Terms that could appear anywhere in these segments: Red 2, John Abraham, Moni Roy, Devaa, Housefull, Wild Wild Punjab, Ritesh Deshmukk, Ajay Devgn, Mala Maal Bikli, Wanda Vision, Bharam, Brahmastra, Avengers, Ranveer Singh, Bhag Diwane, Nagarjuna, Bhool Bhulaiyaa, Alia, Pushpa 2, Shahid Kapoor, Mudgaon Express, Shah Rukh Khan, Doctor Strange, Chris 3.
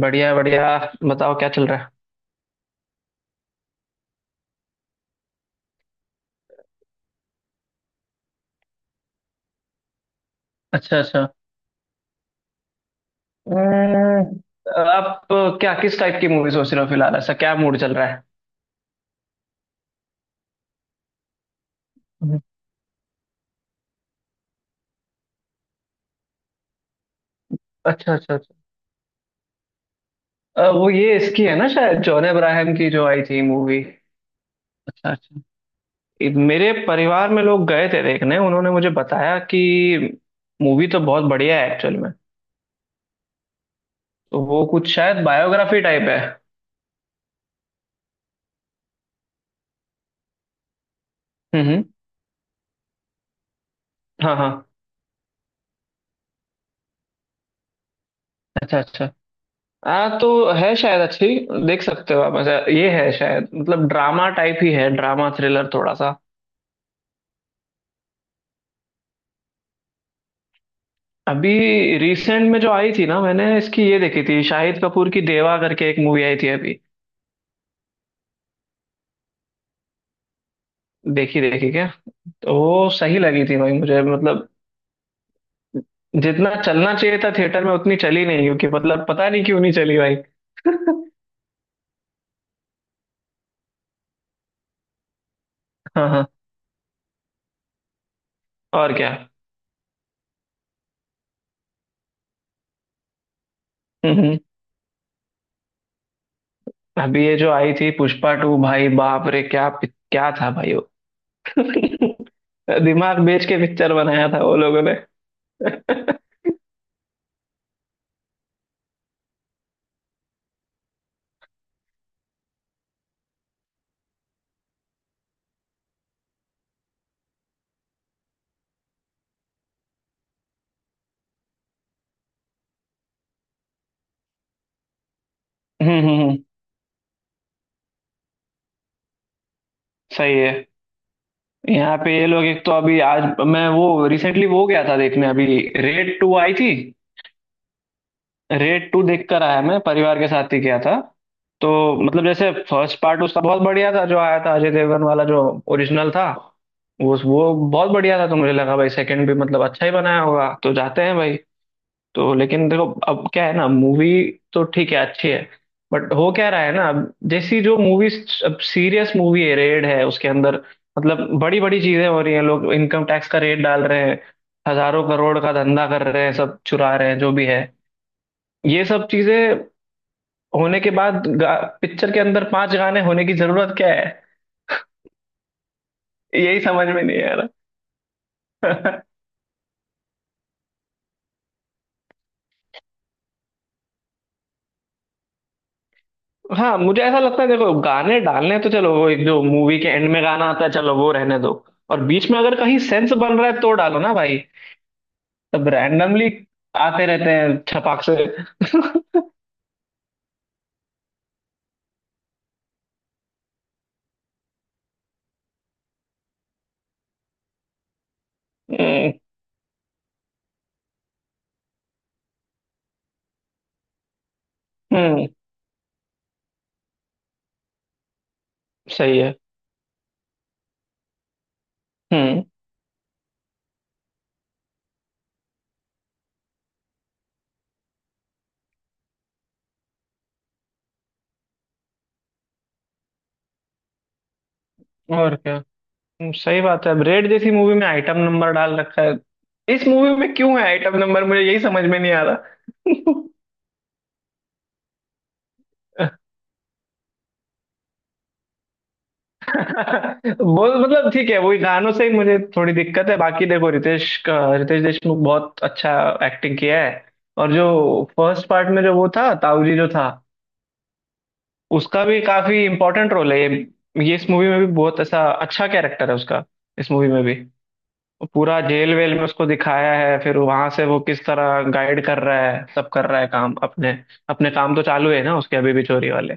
बढ़िया बढ़िया। बताओ क्या चल रहा है? अच्छा अच्छा। हम्म, आप क्या किस टाइप की मूवी सोच रहे हो? फिलहाल ऐसा क्या मूड चल रहा है? हम्म, अच्छा अच्छा अच्छा। वो ये इसकी है ना, शायद जॉन अब्राहम की जो आई थी मूवी। अच्छा अच्छा। मेरे परिवार में लोग गए थे देखने, उन्होंने मुझे बताया कि मूवी तो बहुत बढ़िया है एक्चुअल में। तो वो कुछ शायद बायोग्राफी टाइप है। हम्म हम्म, हाँ हाँ। अच्छा अच्छा। हाँ तो है शायद अच्छी। देख सकते हो आप। ऐसा ये है शायद, मतलब ड्रामा टाइप ही है, ड्रामा थ्रिलर थोड़ा सा। अभी रिसेंट में जो आई थी ना, मैंने इसकी ये देखी थी, शाहिद कपूर की देवा करके एक मूवी आई थी अभी। देखी देखी क्या? तो वो सही लगी थी भाई मुझे, मतलब जितना चलना चाहिए था थिएटर में उतनी चली नहीं, क्योंकि मतलब पता नहीं क्यों नहीं चली भाई हाँ हाँ। और क्या। हम्म हम्म। अभी ये जो आई थी पुष्पा 2, भाई बाप रे क्या क्या था भाई दिमाग बेच के पिक्चर बनाया था वो लोगों ने हम्म हम्म, हम्म, सही है। यहाँ पे ये लोग एक तो, अभी आज मैं वो रिसेंटली वो गया था देखने, अभी रेड 2 आई थी। रेड 2 देख कर आया मैं, परिवार के साथ ही गया था। तो मतलब जैसे फर्स्ट पार्ट उसका बहुत बढ़िया था, जो आया था अजय देवगन वाला, जो ओरिजिनल था। वो बहुत बढ़िया था, तो मुझे लगा भाई सेकंड भी मतलब अच्छा ही बनाया होगा, तो जाते हैं भाई। तो लेकिन देखो अब क्या है ना, मूवी तो ठीक है अच्छी है। बट हो क्या रहा है ना, अब जैसी जो मूवीज, अब सीरियस मूवी है, रेड है, उसके अंदर मतलब बड़ी बड़ी चीजें हो रही हैं, लोग इनकम टैक्स का रेड डाल रहे हैं, हजारों करोड़ का धंधा कर रहे हैं, सब चुरा रहे हैं, जो भी है। ये सब चीजें होने के बाद पिक्चर के अंदर पांच गाने होने की जरूरत क्या है? यही समझ में नहीं आ रहा हाँ मुझे ऐसा लगता है, देखो गाने डालने हैं तो चलो, वो एक जो मूवी के एंड में गाना आता है, चलो वो रहने दो। और बीच में अगर कहीं सेंस बन रहा है तो डालो ना भाई। तब रैंडमली आते रहते हैं छपाक से हम्म हम्म, सही है। हम्म, और क्या। सही बात है। रेड जैसी मूवी में आइटम नंबर डाल रखा है, इस मूवी में क्यों है आइटम नंबर, मुझे यही समझ में नहीं आ रहा वो मतलब ठीक है, वही गानों से ही मुझे थोड़ी दिक्कत है, बाकी देखो रितेश का, रितेश देशमुख बहुत अच्छा एक्टिंग किया है। और जो फर्स्ट पार्ट में जो वो था ताऊजी जो था, उसका भी काफी इम्पोर्टेंट रोल है। ये इस मूवी में भी बहुत ऐसा अच्छा कैरेक्टर है उसका। इस मूवी में भी पूरा जेल वेल में उसको दिखाया है, फिर वहां से वो किस तरह गाइड कर रहा है, सब कर रहा है, काम अपने, अपने काम तो चालू है ना उसके, अभी भी चोरी वाले।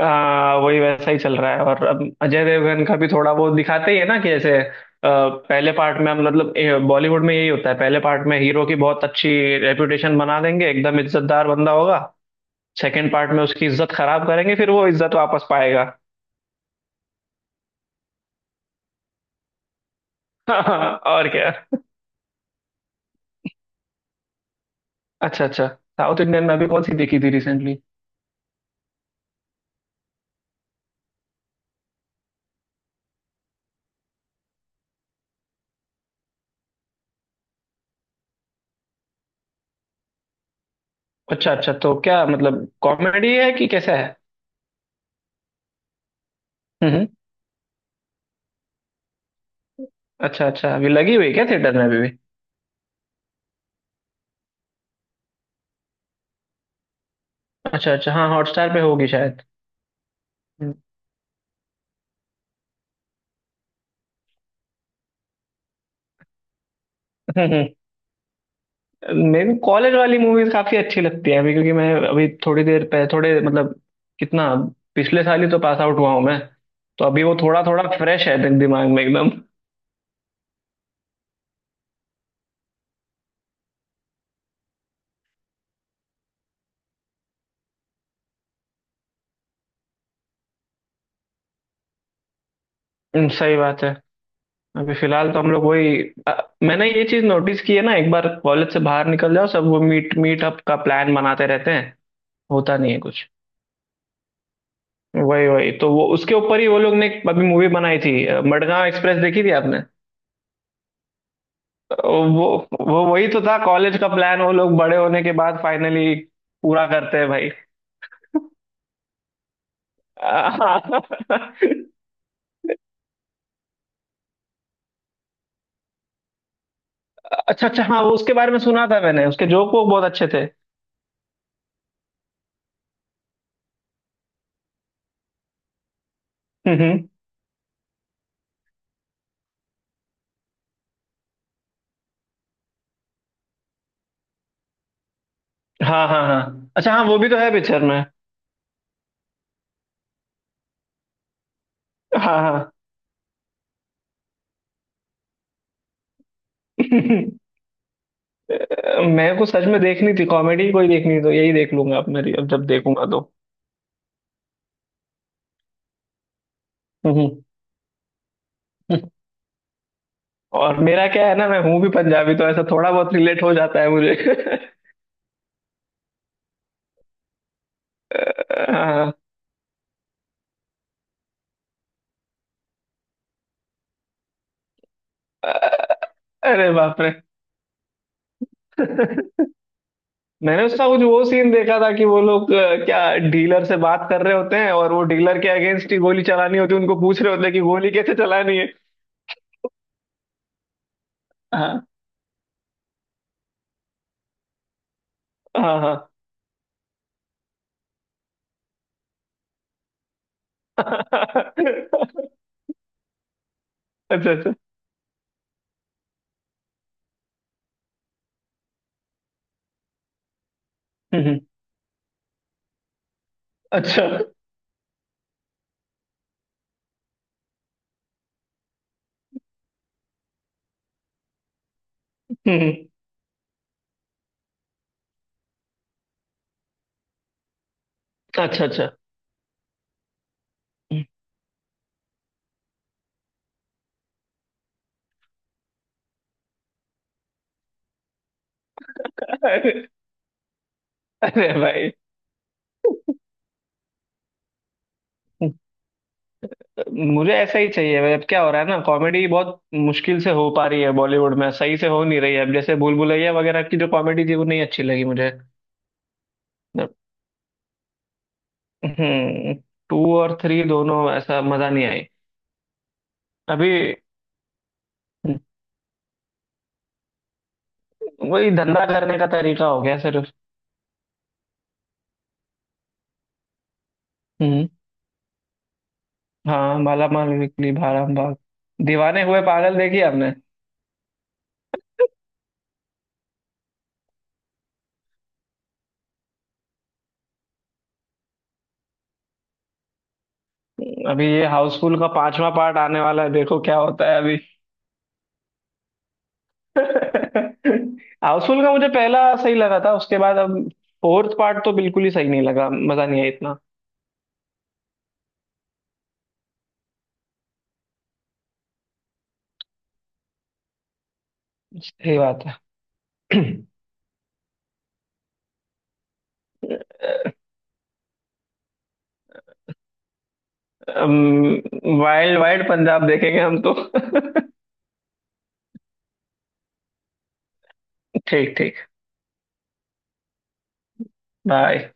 वही वैसा ही चल रहा है। और अब अजय देवगन का भी थोड़ा बहुत दिखाते ही है ना, कि ऐसे पहले पार्ट में हम मतलब बॉलीवुड में यही होता है, पहले पार्ट में हीरो की बहुत अच्छी रेपुटेशन बना देंगे, एकदम इज्जतदार बंदा होगा, सेकंड पार्ट में उसकी इज्जत खराब करेंगे, फिर वो इज्जत वापस पाएगा। और क्या। अच्छा अच्छा, साउथ इंडियन में अभी कौन सी देखी थी रिसेंटली? अच्छा अच्छा, तो क्या मतलब कॉमेडी है कि कैसा है? हम्म हम्म, अच्छा अच्छा, अभी लगी हुई है क्या थिएटर में अभी भी? अच्छा अच्छा, हाँ हॉटस्टार पे होगी शायद। हम्म मेरे को कॉलेज वाली मूवीज काफी अच्छी लगती है अभी, क्योंकि मैं अभी थोड़ी देर पहले थोड़े, मतलब कितना, पिछले साल ही तो पास आउट हुआ हूँ मैं। तो अभी वो थोड़ा थोड़ा फ्रेश है, दिमाग में एकदम। सही बात है। अभी फिलहाल तो हम लोग वही, अ, मैंने ये चीज नोटिस की है ना, एक बार कॉलेज से बाहर निकल जाओ, सब वो मीटअप का प्लान बनाते रहते हैं, होता नहीं है कुछ। वही वही तो, वो उसके ऊपर ही वो लोग ने एक अभी मूवी बनाई थी, मडगांव एक्सप्रेस। देखी थी आपने? वो वो वही तो था कॉलेज का प्लान, वो लोग बड़े होने के बाद फाइनली पूरा करते हैं भाई अच्छा अच्छा, हाँ वो उसके बारे में सुना था मैंने, उसके जोक वो बहुत अच्छे थे। हम्म हम्म। हाँ हाँ हाँ, अच्छा हाँ वो भी तो है पिक्चर में। हाँ हाँ मेरे को सच में देखनी थी कॉमेडी कोई, देखनी थी तो यही देख लूंगा अब मेरी, अब जब देखूंगा तो। हम्म और मेरा क्या है ना, मैं हूँ भी पंजाबी, तो ऐसा थोड़ा बहुत रिलेट हो जाता है मुझे हाँ। अरे बाप रे मैंने उसका कुछ वो सीन देखा था कि वो लोग क्या डीलर से बात कर रहे होते हैं, और वो डीलर के अगेंस्ट ही गोली चलानी होती है उनको, पूछ रहे होते हैं कि गोली कैसे चलानी है। हाँ हाँ हाँ अच्छा अच्छा। हम्म, अच्छा। हम्म, अच्छा अच्छा। अरे अरे भाई। मुझे ऐसा ही चाहिए भाई, अब क्या हो रहा है ना, कॉमेडी बहुत मुश्किल से हो पा रही है, बॉलीवुड में सही से हो नहीं रही है, अब जैसे भूल भुलैया वगैरह की जो कॉमेडी थी वो नहीं अच्छी लगी मुझे। हम्म। 2 और 3 दोनों ऐसा मजा नहीं आई। अभी वही धंधा करने का तरीका हो गया सिर्फ। हम्म। हाँ माला माल बिकली, भाराम भाग, दीवाने हुए पागल देखी हमने। अभी ये हाउसफुल का 5वां पार्ट आने वाला है, देखो क्या होता है अभी हाउसफुल का मुझे पहला सही लगा था, उसके बाद अब 4th पार्ट तो बिल्कुल ही सही नहीं लगा, मजा नहीं आया इतना। सही बात है वाइल्ड वाइल्ड पंजाब देखेंगे हम तो ठीक ठीक। बाय।